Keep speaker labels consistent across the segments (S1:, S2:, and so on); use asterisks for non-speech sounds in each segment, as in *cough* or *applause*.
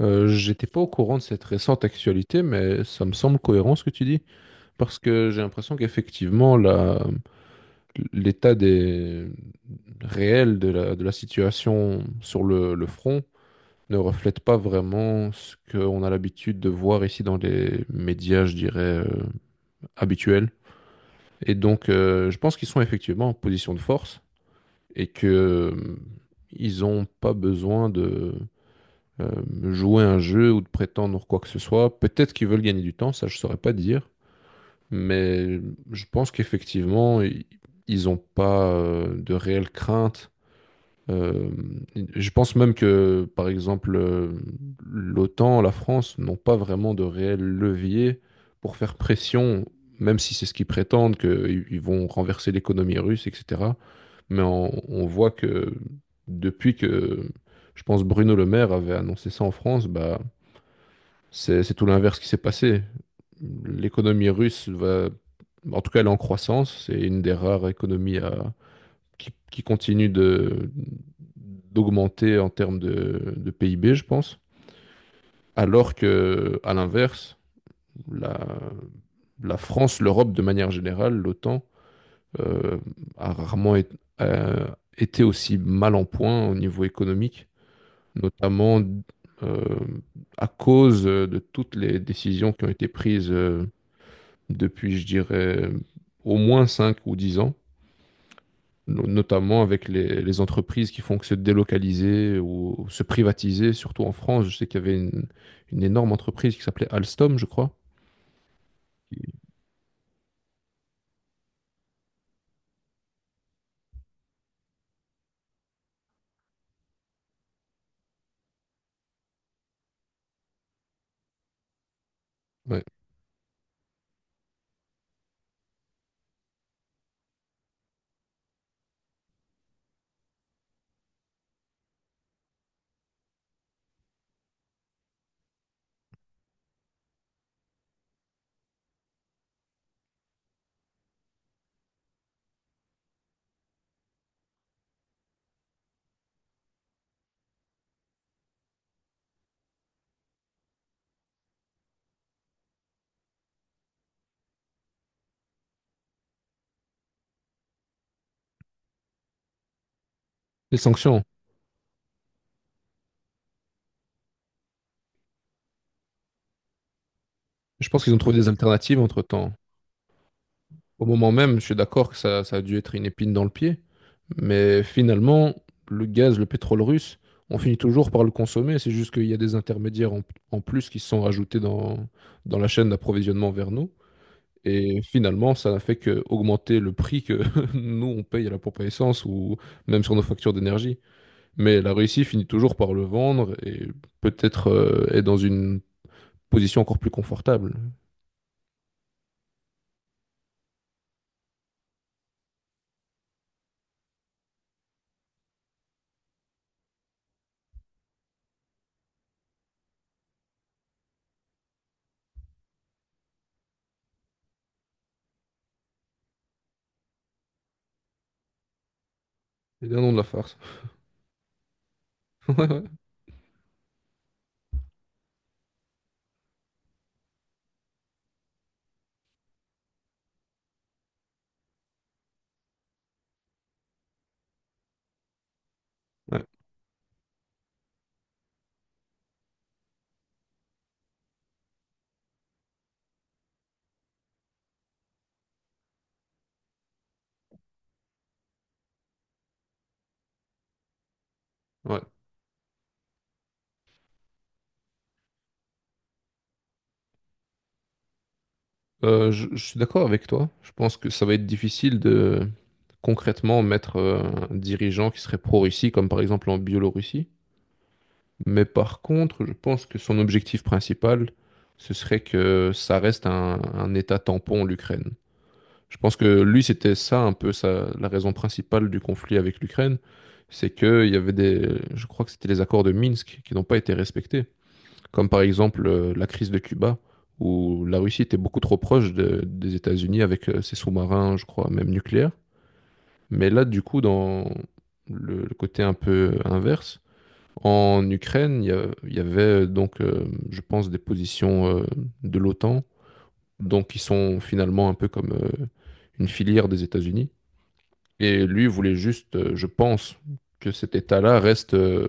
S1: J'étais pas au courant de cette récente actualité, mais ça me semble cohérent ce que tu dis, parce que j'ai l'impression qu'effectivement, l'état des, réel de la situation sur le front ne reflète pas vraiment ce qu'on a l'habitude de voir ici dans les médias, je dirais, habituels. Et donc, je pense qu'ils sont effectivement en position de force et que ils ont pas besoin euh, jouer un jeu ou de prétendre quoi que ce soit. Peut-être qu'ils veulent gagner du temps, ça je saurais pas dire, mais je pense qu'effectivement, ils n'ont pas de réelle crainte euh, je pense même que, par exemple, l'OTAN, la France n'ont pas vraiment de réel levier pour faire pression, même si c'est ce qu'ils prétendent, qu'ils vont renverser l'économie russe, etc. Mais on voit que depuis que, je pense, Bruno Le Maire avait annoncé ça en France, bah, c'est tout l'inverse qui s'est passé. L'économie russe va, en tout cas, elle est en croissance. C'est une des rares économies à qui continue d'augmenter en termes de PIB, je pense. Alors que, à l'inverse, la, la France, l'Europe de manière générale, l'OTAN, euh, a rarement été été aussi mal en point au niveau économique, notamment euh, à cause de toutes les décisions qui ont été prises depuis, je dirais, au moins 5 ou 10 ans, notamment avec les entreprises qui font que se délocaliser ou se privatiser, surtout en France. Je sais qu'il y avait une énorme entreprise qui s'appelait Alstom, je crois. qui- Ouais. Les sanctions. Je pense qu'ils ont trouvé des alternatives entre-temps. Au moment même, je suis d'accord que ça a dû être une épine dans le pied, mais finalement, le gaz, le pétrole russe, on finit toujours par le consommer. C'est juste qu'il y a des intermédiaires en plus qui se sont rajoutés dans la chaîne d'approvisionnement vers nous. Et finalement, ça n'a fait que augmenter le prix que *laughs* nous, on paye à la pompe à essence ou même sur nos factures d'énergie. Mais la Russie finit toujours par le vendre et peut-être est dans une position encore plus confortable. C'est bien non de la farce. *laughs* Ouais, ouais. Ouais, ouais. Je suis d'accord avec toi. Je pense que ça va être difficile de concrètement mettre un dirigeant qui serait pro-Russie, comme par exemple en Biélorussie. Mais par contre, je pense que son objectif principal, ce serait que ça reste un état tampon, l'Ukraine. Je pense que lui, c'était ça un peu ça, la raison principale du conflit avec l'Ukraine, c'est que il y avait je crois que c'était les accords de Minsk qui n'ont pas été respectés, comme par exemple la crise de Cuba, où la Russie était beaucoup trop proche des États-Unis avec ses sous-marins, je crois, même nucléaires. Mais là, du coup, dans le côté un peu inverse, en Ukraine, il y avait je pense, des positions de l'OTAN, donc qui sont finalement un peu comme une filière des États-Unis. Et lui voulait juste, je pense, que cet État-là reste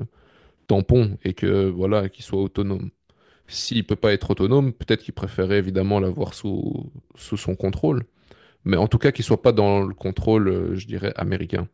S1: tampon et que voilà, qu'il soit autonome. S'il peut pas être autonome, peut-être qu'il préférait évidemment l'avoir sous, sous son contrôle, mais en tout cas qu'il soit pas dans le contrôle, je dirais, américain.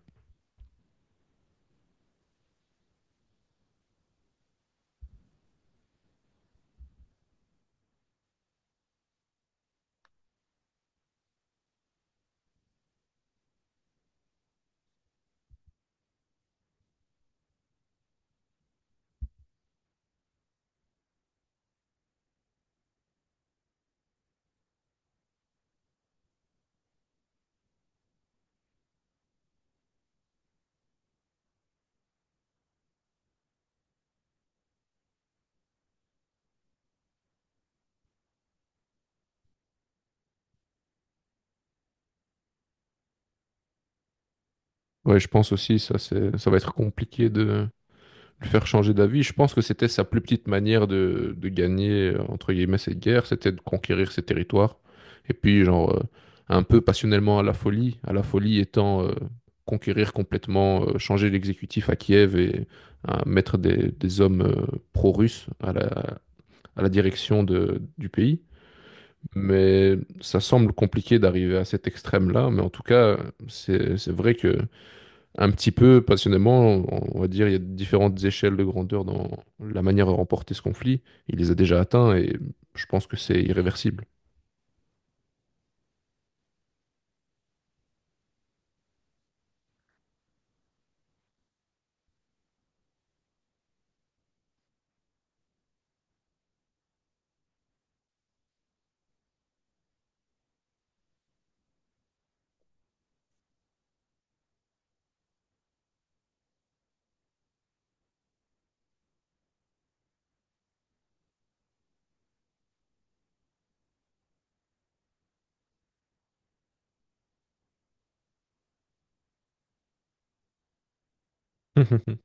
S1: Ouais, je pense aussi ça, ça va être compliqué de le faire changer d'avis. Je pense que c'était sa plus petite manière de gagner, entre guillemets, cette guerre, c'était de conquérir ses territoires. Et puis, genre, un peu passionnellement à la folie étant conquérir complètement, changer l'exécutif à Kiev et mettre des hommes pro-russes à à la direction du pays. Mais ça semble compliqué d'arriver à cet extrême-là. Mais en tout cas, c'est vrai que un petit peu passionnément, on va dire, il y a différentes échelles de grandeur dans la manière de remporter ce conflit. Il les a déjà atteints et je pense que c'est irréversible. *laughs*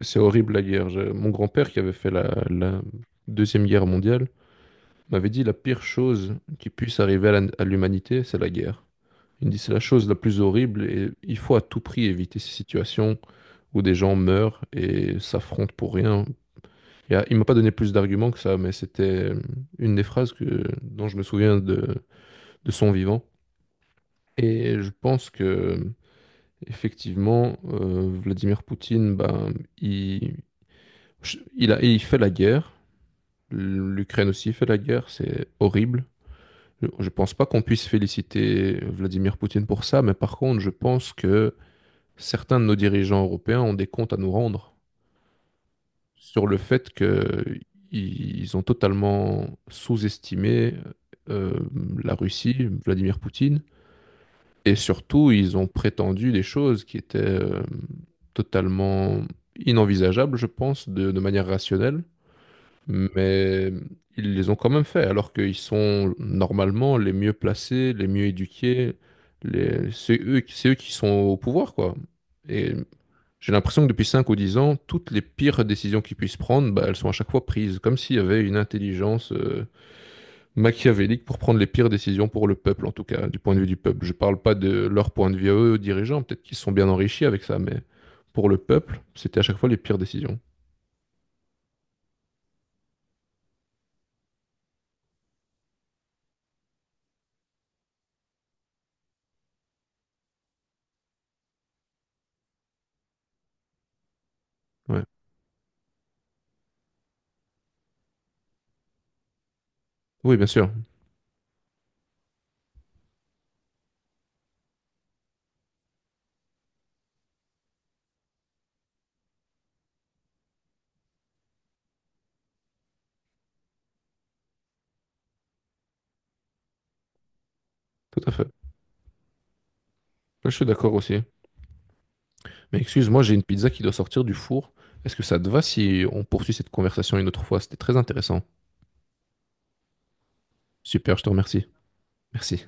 S1: C'est horrible la guerre. Mon grand-père qui avait fait la Deuxième Guerre mondiale m'avait dit la pire chose qui puisse arriver à à l'humanité, c'est la guerre. Il me dit c'est la chose la plus horrible et il faut à tout prix éviter ces situations où des gens meurent et s'affrontent pour rien. Il m'a pas donné plus d'arguments que ça, mais c'était euh, une des phrases que, dont je me souviens de son vivant. Et je pense que, effectivement, Vladimir Poutine, ben, il, je- il a, il fait la guerre. L'Ukraine aussi fait la guerre. C'est horrible. Je pense pas qu'on puisse féliciter Vladimir Poutine pour ça, mais par contre, je pense que certains de nos dirigeants européens ont des comptes à nous rendre. Sur le fait qu'ils ont totalement sous-estimé euh, la Russie, Vladimir Poutine, et surtout ils ont prétendu des choses qui étaient totalement inenvisageables, je pense, de manière rationnelle, mais ils les ont quand même fait, alors qu'ils sont normalement les mieux placés, les mieux éduqués, les... c'est eux, c'est eux qui sont au pouvoir, quoi. Et j'ai l'impression que depuis 5 ou 10 ans, toutes les pires décisions qu'ils puissent prendre, bah, elles sont à chaque fois prises, comme s'il y avait une intelligence machiavélique pour prendre les pires décisions pour le peuple, en tout cas, du point de vue du peuple. Je parle pas de leur point de vue à eux, aux dirigeants, peut-être qu'ils se sont bien enrichis avec ça, mais pour le peuple, c'était à chaque fois les pires décisions. Ouais. Oui, bien sûr, tout à fait. Là, je suis d'accord aussi. Mais excuse-moi, j'ai une pizza qui doit sortir du four. Est-ce que ça te va si on poursuit cette conversation une autre fois? C'était très intéressant. Super, je te remercie. Merci.